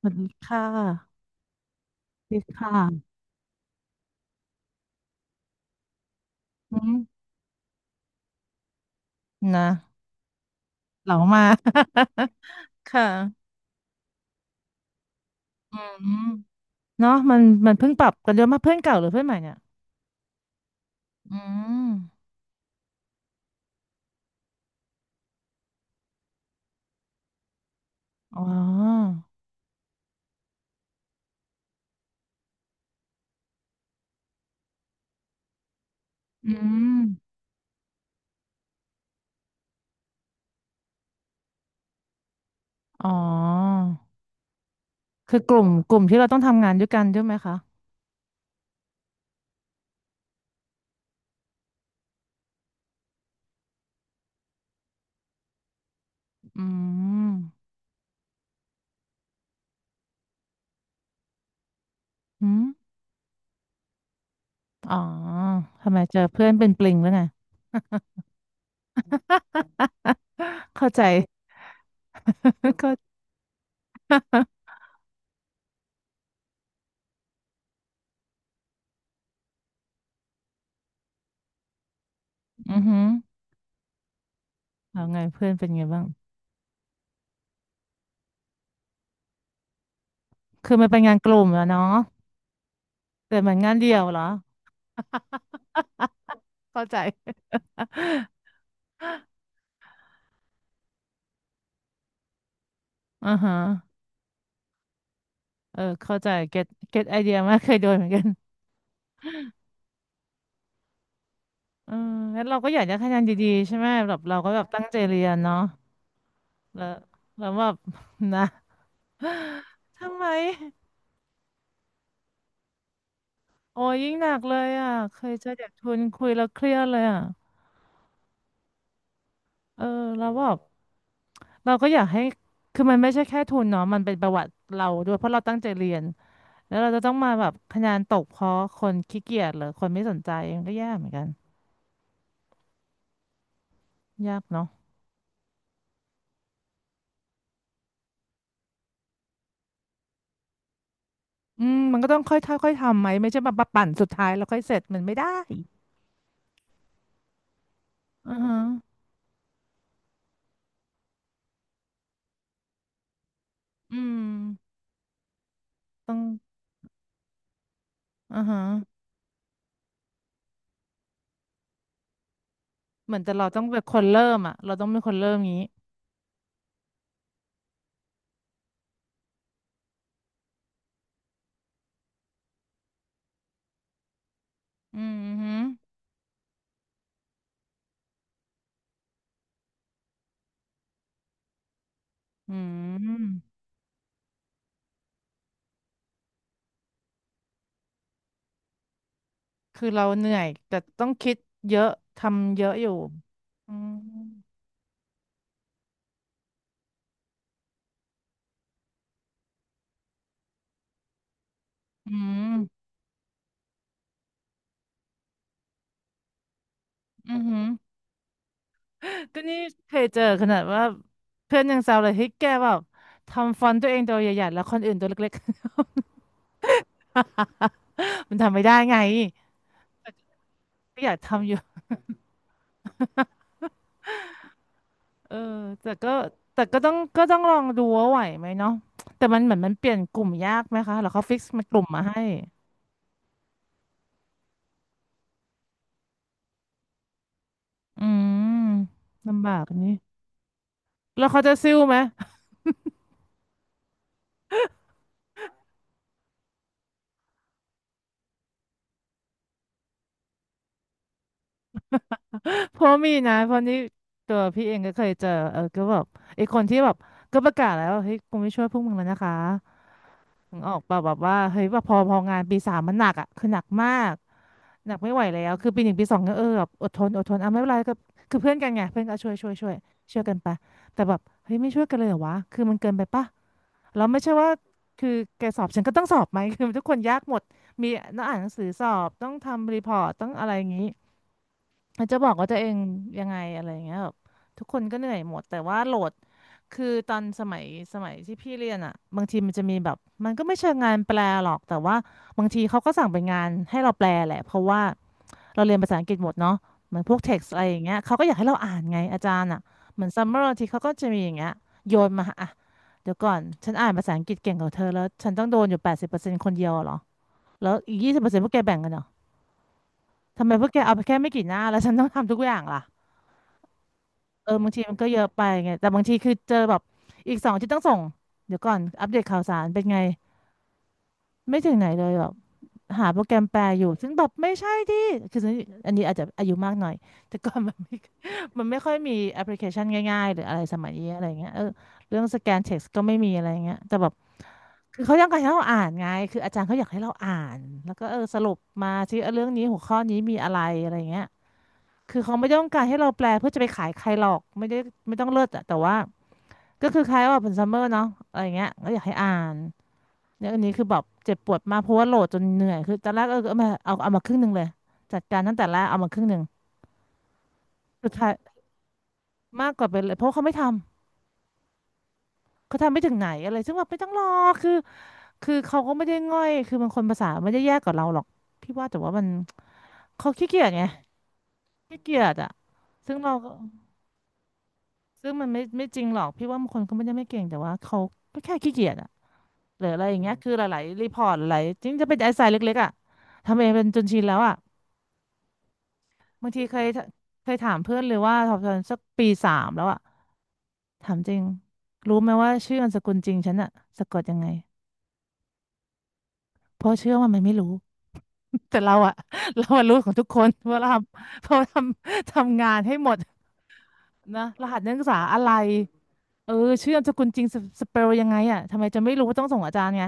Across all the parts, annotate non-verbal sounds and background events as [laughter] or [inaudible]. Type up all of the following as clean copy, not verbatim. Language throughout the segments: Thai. สวัสดีค่ะสวัสดีค่ะอืมนะเหลามา [laughs] ค่ะอืมเนาะมันเพิ่งปรับกันด้วยมาเพื่อนเก่าหรือเพื่อนใหม่เนี่ยอืมอ๋ออืมอ๋อคือกลุ่มกลุ่มที่เราต้องทำงานด้วยกันด้วยไหมคะอืมอืมอ๋อทำไมเจอเพื่อนเป็นปลิงแล้วไง [laughs] เข้าใจ [laughs] เข้าอือหือเอาไงเพื่อนเป็นไงบ้างคือมันเป็นงานกลุ่มอะเนาะแต่เหมือนงานเดี่ยวเหรอเข้าใจ อ่าฮะเออเข้าใจเก็ตเก็ตไอเดียมากเคยโดนเหมือนกัน [laughs] เออแล้วเราก็อยากได้คะแนนดีๆใช่ไหมแบบเราก็แบบตั้งใจเรียนเนาะแล้วแล้วแบบ [laughs] นะทำไม โอ้ยยิ่งหนักเลยอ่ะเคยเจอเด็กทุนคุยแล้วเครียดเลยอ่ะเออเราแล้วแบบเราก็อยากให้คือมันไม่ใช่แค่ทุนเนาะมันเป็นประวัติเราด้วยเพราะเราตั้งใจเรียนแล้วเราจะต้องมาแบบคะแนนตกเพราะคนขี้เกียจหรือคนไม่สนใจมันก็แย่เหมือนกันยากเนาะ อืมมันก็ต้องค่อยๆค่อยๆทำไหมไม่ใช่แบบมาปั่นสุดท้ายแล้วค่อยเสร็จมันไม่ได้อือฮะอืมต้องอือฮะเหมือนแต่เราต้องเป็นคนเริ่มอ่ะเราต้องเป็นคนเริ่มงี้อืมฮึอืมคือเราเหนื่อยแต่ต้องคิดเยอะทำเยอะอยู่อืมอืมอือฮึก็นี่เคยเจอขนาดว่าเพื่อนยังแซวเลยเฮ้ยแกแบบทำฟอนต์ตัวเองตัวใหญ่ๆแล้วคนอื่นตัวเล็กๆ [laughs] มันทำไม่ได้ไงก็อยากทำอยู่ เออแต่ก็แต่ก็ต้องก็ต้องลองดูว่าไหวไหมเนาะแต่มันเหมือนมันเปลี่ยนกลุ่มยากไหมคะหรือเขาฟิกซ์มากลุ่มมาให้อืมลำบากอันนี้แล้วเขาจะซิ้วไหม [laughs] เพราะมีนะเพราะนี่ตัวพี่เองก็เคยเจอเออก็แบบไอ้คนที่แบบก็ประกาศแล้วว่าเฮ้ยกูไม่ช่วยพวกมึงแล้วนะคะถึงออกแบบแบบว่าเฮ้ยแบบพองานปีสามมันหนักอ่ะคือหนักมาก หนักไม่ไหวแล้ว คือปีหนึ่งปีสองก็เออแบบอดทนอดทนอ่ะไม่เป็นไรก็คือเพื่อนกันไงเพื่อนก็ช่วยช่วยช่วยช่วยกันไป แต่แบบเฮ้ยไม่ช่วยกันเลยเหรอวะ คือมันเกินไปปะเราไม่ใช่ว่าคือแกสอบฉันก็ต้องสอบไหม คือทุกคนยากหมด มีต้องอ่านหนังสือสอบ ต้องทำรีพอร์ตต้องอะไรอย่างนี้ มันจะบอกว่าตัวเองยังไงอะไรอย่างเงี้ยแบบทุกคนก็เหนื่อยหมดแต่ว่าโหลดคือตอนสมัยที่พี่เรียนอ่ะบางทีมันจะมีแบบมันก็ไม่เชิงงานแปลหรอกแต่ว่าบางทีเขาก็สั่งเป็นงานให้เราแปลแหละเพราะว่าเราเรียนภาษาอังกฤษหมดเนาะเหมือนพวกเท็กซ์อะไรอย่างเงี้ยเขาก็อยากให้เราอ่านไงอาจารย์อ่ะเหมือนซัมเมอร์ที่เขาก็จะมีอย่างเงี้ยโยนมาอ่ะเดี๋ยวก่อนฉันอ่านภาษาอังกฤษเก่งกว่าเธอแล้วฉันต้องโดนอยู่80%คนเดียวเหรอแล้วอีก20%พวกแกแบ่งกันเหรอทำไมพวกแกเอาไปแค่ไม่กี่หน้าแล้วฉันต้องทำทุกอย่างล่ะ เออบางทีมันก็เยอะไปไงแต่บางทีคือเจอแบบอีกสองที่ต้องส่งเดี๋ยวก่อนอัปเดตข่าวสารเป็นไงไม่ถึงไหนเลยแบบหาโปรแกรมแปลอยู่ซึ่งแบบไม่ใช่ที่คืออันนี้อาจจะอายุมากหน่อยแต่ก่อนมันไม่ [laughs] มันไม่ค่อยมีแอปพลิเคชันง่ายๆหรืออะไรสมัยนี้อะไรเงี้ยเออเรื่องสแกนเท็กซ์ก็ไม่มีอะไรเงี้ยแต่แบบคือเขาต้องการให้เราอ่านไงคืออาจารย์เขาอยากให้เราอ่านแล้วก็เออสรุปมาที่เรื่องนี้หัวข้อนี้มีอะไรอะไรเงี้ย คือเขาไม่ต้องการให้เราแปลเพื่อจะไปขายใครหรอกไม่ได้ไม่ต้องเลิศอะแต่ว่าก็คือคล้ายว่าผป็ซัมเมอร์เนาะอะไรเงี้ยก็อยากให้อ่านเนี่ยอันนี้คือแบบเจ็บปวดมากเพราะว่าโหลดจนเหนื่อยคือตอนแรกเออเอามาครึ่งหนึ่งเลยจัดการตั้งแต่แรกเอามาครึ่งหนึ่งสุดท้ายมากกว่าไปเลยเพราะเขาไม่ทำเขาทำไม่ถึงไหนอะไรซึ่งแบบไม่ต้องรอคือคือเขาก็ไม่ได้ง่อยคือบางคนภาษาไม่ได้แย่กว่าเราหรอกพี่ว่าแต่ว่ามันเขาขี้เกียจไงขี้เกียจอะซึ่งเราก็ ซึ่งมันไม่จริงหรอกพี่ว่าบางคนก็ไม่ได้ไม่เก่งแต่ว่าเขาก็แค่ขี้เกียจอะหรืออะไรอย่างเงี้ยคือหลายๆรีพอร์ตหลายจริงจะเป็นไอ้สายเล็กๆอะทำเองเป็นจนชินแล้วอะบางทีเคยถามเพื่อนเลยว่าทำตอนสักปีสามแล้วอะถามจริงรู้ไหมว่าชื่อนามสกุลจริงฉันอะสะกดยังไงเพราะเชื่อว่ามันไม่รู้ [laughs] แต่เราอะเราอะรู้ของทุกคนว่าเราทำเพราะทำทำงานให้หมดนะรหัสนักศึกษาอะไรเออชื่อนามสกุลจริงสเปลยังไงอะทำไมจะไม่รู้ต้องส่งอาจารย์ไง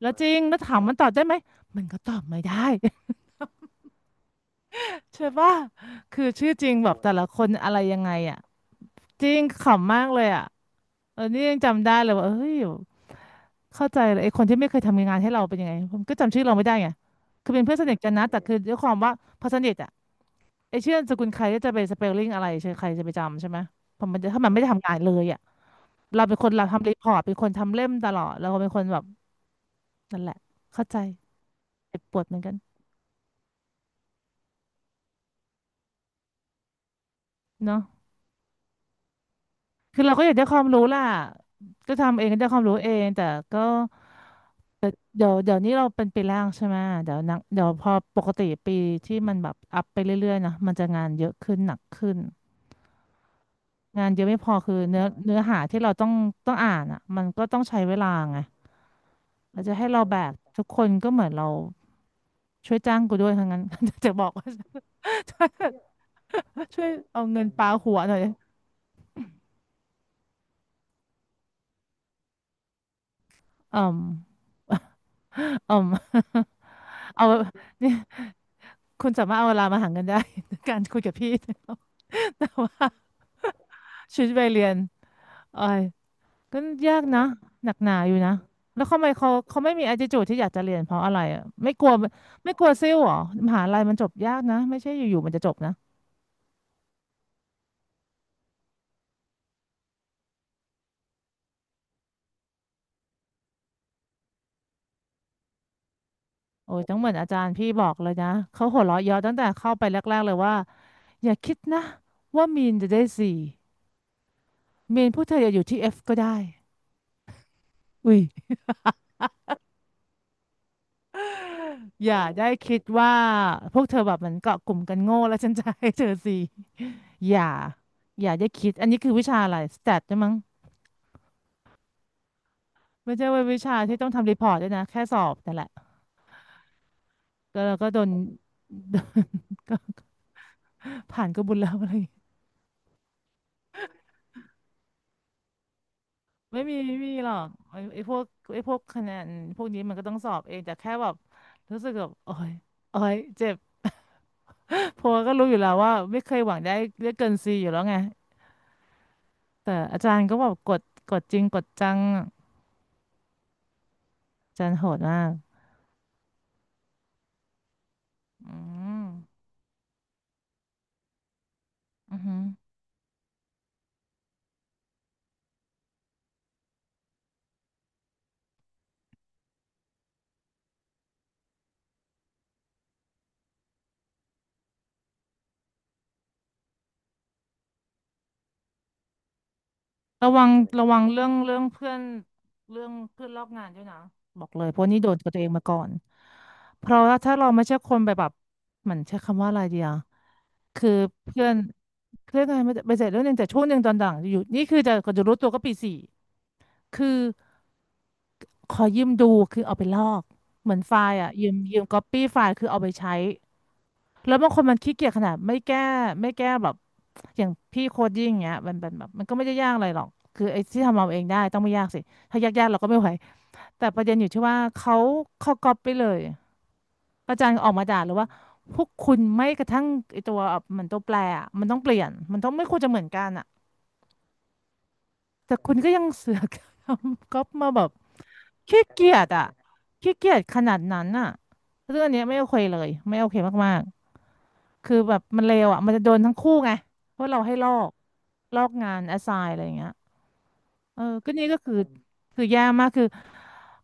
แล้วจริงแล้วถามมันตอบได้ไหมมันก็ตอบไม่ได้ [laughs] ใช่ป่ะคือชื่อจริงแบบแต่ละคนอะไรยังไงอ่ะจริงขำมากเลยอ่ะเออนี่ยังจำได้เลยว่าเอ้ยเข้าใจเลยไอ้คนที่ไม่เคยทำงานให้เราเป็นยังไงผมก็จำชื่อเราไม่ได้ไงคือเป็นเพื่อนสนิทกันนะแต่คือด้วยความว่าพอสนิทอ่ะไอ้ชื่อนามสกุลใครก็จะไปสเปลลิ่งอะไรใช่ใครจะไปจำใช่ไหมเพราะมันจะถ้ามันไม่ได้ทำงานเลยอ่ะเราเป็นคนเราทำรีพอร์ตเป็นคนทำเล่มตลอดเราเป็นคนแบบนั่นแหละเข้าใจเจ็บปวดเหมือนกันเนาะ คือเราก็อยากได้ความรู้ล่ะก็ทำเองก็ได้ความรู้เองแต่ก็แต่เดี๋ยวนี้เราเป็นปีแรกใช่ไหมเดี๋ยวนักเดี๋ยวพอปกติปีที่มันแบบอัพไปเรื่อยๆนะมันจะงานเยอะขึ้นหนักขึ้นงานเยอะไม่พอคือเนื้อหาที่เราต้องอ่านอ่ะมันก็ต้องใช้เวลาไงเราจะให้เราแบกทุกคนก็เหมือนเราช่วยจ้างกูด้วยทั้งนั้น [laughs] จะบอกว่า [laughs] ช่วยเอาเงินปาหัวหน่อยเอืออืม [laughs] เอา [laughs] นี่ คุณสามารถเอาเวลามาหาเงินได้ [laughs] ในการคุยกับพี่ [laughs] แต่ว่าชีวิตวัยเรียนเอ้ยก็ยากนะหนักหนาอยู่นะแล้วทำไมเขาไม่มี attitude ที่อยากจะเรียนเพราะอะไรอ่ะไม่กลัวไม่กลัวซิ่วเหรอมหาลัยมันจบยากนะไม่ใช่อยู่ๆมันจะจบนะโอ้ยต้องเหมือนอาจารย์พี่บอกเลยนะเขาหัวเราะเยาะตั้งแต่เข้าไปแรกๆเลยว่าอย่าคิดนะว่ามีนจะได้สี่มีนพวกเธออย่าอยู่ที่ F ก็ได้อุ้ยอย่าได้คิดว่าพวกเธอแบบเหมือนเกาะกลุ่มกันโง่แล้วฉันจะให้เธอสี่ อย่าอย่าได้คิดอันนี้คือวิชาอะไรสแตทใช่มั้งไม่ใช่ว่าวิชาที่ต้องทำรีพอร์ตด้วยนะแค่สอบแต่นแหละก็เราก็โดน [laughs] โดนก็ผ่านก็บุญแล้วอะไรอย่างเงี้ยไม่มีหรอกไอ้พวกไอ้พวกคะแนนพวกนี้มันก็ต้องสอบเองแต่แค่แบบรู้สึกแบบโอ้ยโอ้ยเจ็บเพราะว่าก็รู้อยู่แล้วว่าไม่เคยหวังได้เลือกเกินซีอยู่แล้วไงแต่อาจารย์ก็บอกกดกดจริงกดจังอาจารย์โหดมากอืมอือหือ ระวังระวังเรื่องเพื่อนเรื่องเพื่อนรอบงานด้วยนะบอกเลยเพราะนี่โดนกับตัวเองมาก่อนเพราะว่าถ้าเราไม่ใช่คนไปแบบเหมือนใช้คำว่าอะไรเดียวคือเพื่อนเพื่อนอะไรไม่ไปเสร็จเรื่องหนึงแต่ช่วงหนึ่งตอนหลังอยู่นี่คือจะก็จะรู้ตัวก็ปีสี่คือขอยืมดูคือเอาไปลอกเหมือนไฟล์อะยืมก๊อปปี้ไฟล์คือเอาไปใช้ แล้วบางคนมันขี้เกียจขนาดไม่แก้ไม่แก้แบบอย่างพี่โคดยิ่งงเงี้ยมันเป็นแบบมันก็ไม่ได้ยากอะไรหรอกคือไอ้ที่ทำเอาเองได้ต้องไม่ยากสิถ้ายากๆเราก็ไม่ไหวแต่ประเด็นอยู่ที่ว่าเขาก๊อปไปเลยอาจารย์ออกมาด่าเลยว่าพวกคุณไม่กระทั่งไอ้ตัวเหมือนตัวแปรอะมันต้องเปลี่ยนมันต้องไม่ควรจะเหมือนกันอ่ะแต่คุณก็ยังเสือกทำก๊อปมาแบบขี้เกียจอ่ะขี้เกียจขนาดนั้นอ่ะเรื่องเนี้ยไม่โอเคเลยไม่โอเคมาก คือแบบมันเลวอ่ะ มันจะโดนทั้งคู่ไงเพราะเราให้ลอกงานแอสไซน์อะไรอย่างเงี้ยเออก็นี่ก็คือคือแย่มากคือ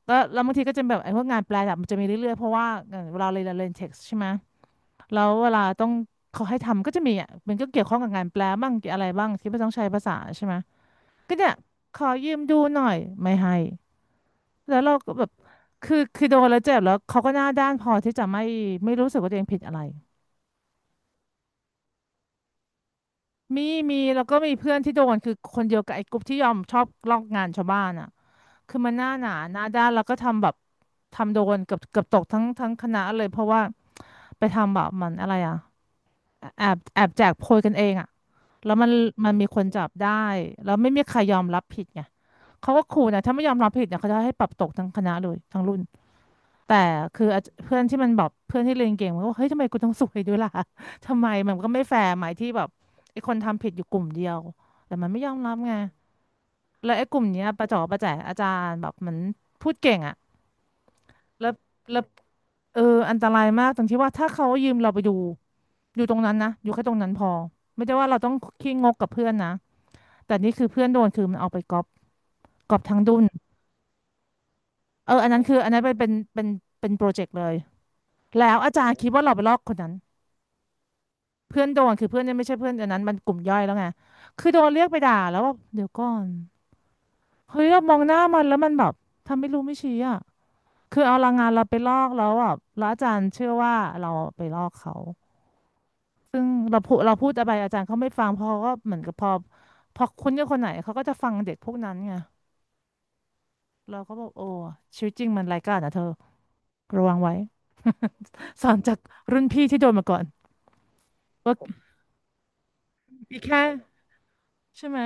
ก็แล้วบางทีก็จะแบบไอ้พวกงานแปลดับมันจะมีเรื่อยๆเพราะว่าเวลาเราเรียนเท็กซ์ใช่ไหมแล้วเวลาต้องเขาให้ทำก็จะมีอ่ะมันก็เกี่ยวข้องกับงานแปลบ้างอะไรบ้างที่ไม่ต้องใช้ภาษาใช่ไหมก็เนี่ยขอยืมดูหน่อยไม่ให้แล้วเราก็แบบคือโดนแล้วเจ็บแล้วเขาก็หน้าด้านพอที่จะไม่ไม่รู้สึกว่าตัวเองผิดอะไร มีแล้วก็มีเพื่อนที่โดนคือคนเดียวกับไอ้กลุ่มที่ยอมชอบลอกงานชาวบ้านอ่ะคือมันหน้าหนาหน้าด้านแล้วก็ทำแบบทำโดนเกือบตกทั้งคณะเลยเพราะว่าไปทำแบบมันอะไรอ่ะแอบแจกโพยกันเองอ่ะแล้วมันมีคนจับได้แล้วไม่มีใครยอมรับผิดไงเขาก็ขู่นะถ้าไม่ยอมรับผิดเนี่ยเขาจะให้ปรับตกทั้งคณะเลยทั้งรุ่น แต่คืออาจเพื่อนที่มันแบบเพื่อนที่เรียนเก่งมันก็บอกเฮ้ยทำไมกูต้องสวยด้วยล่ะ [laughs] ทำไมมันก็ไม่แฟร์ไหมที่แบบไอ้คนทำผิดอยู่กลุ่มเดียวแต่มันไม่ยอมรับไงแล้วไอ้กลุ่มเนี้ยประจ๋อประแจ๋อาจารย์แบบเหมือนพูดเก่งอะแล้วแล้วเอออันตรายมากตรงที่ว่าถ้าเขายืมเราไปดูอยู่ตรงนั้นนะอยู่แค่ตรงนั้นพอไม่ได้ว่าเราต้องขี้งกกับเพื่อนนะแต่นี่คือเพื่อนโดนคือมันเอาไปก๊อปทั้งดุนเอออันนั้นคืออันนั้นเป็นเป็นเป็นโปรเจกต์เลยแล้วอาจารย์คิดว่าเราไปลอกคนนั้น เพื่อนโดนคือเพื่อนเนี่ยไม่ใช่เพื่อนอันนั้นมันกลุ่มย่อยแล้วไงคือโดนเรียกไปด่าแล้วว่าเดี๋ยวก่อนเฮ้ยเรามองหน้ามันแล้วมันแบบทำไม่รู้ไม่ชี้อ่ะคือเอาแรงงานเราไปลอกแล้วอ่ะแล้วอาจารย์เชื่อว่าเราไปลอกเขาซึ่งเราพูดอะไรอาจารย์เขาไม่ฟังเพอก็เหมือนกับพอคุ้นกับคนไหนเขาก็จะฟังเด็กพวกนั้นไงเราก็บอกโอ้ชีวิตจริงมันไร้ายกาจนะเธอระวังไว้สอนจากรุ่นพี่ที่โดนมาก่อนว่าอีแค่ใช่ไหม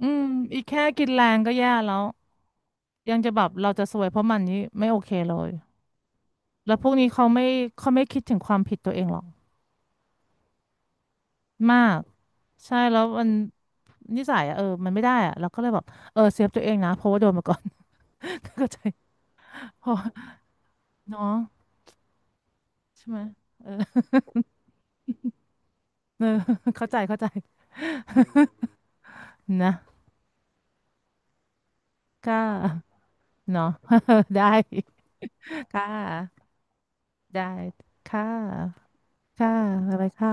อืมอีแค่กินแรงก็แย่แล้ว ยังจะแบบเราจะซวยเพราะมันนี่ไม่โอเคเลยแล้วพวกนี้เขาไม่คิดถึงความผิดตัวเองหรอกมากใช่แล้วมันนิสัยอะเออมันไม่ได้อะเราก็เลยแบบเออเซฟตัวเองนะเพราะว่าโดนมาก่อน [laughs] เข้าใจเพอเนาะใช่ไหมเออ [laughs] เออเข้าใจเข้าใจ [laughs] นะก็เนาะ [laughs] ได้ค่ะได้ค่ะบ๊ายค่ะ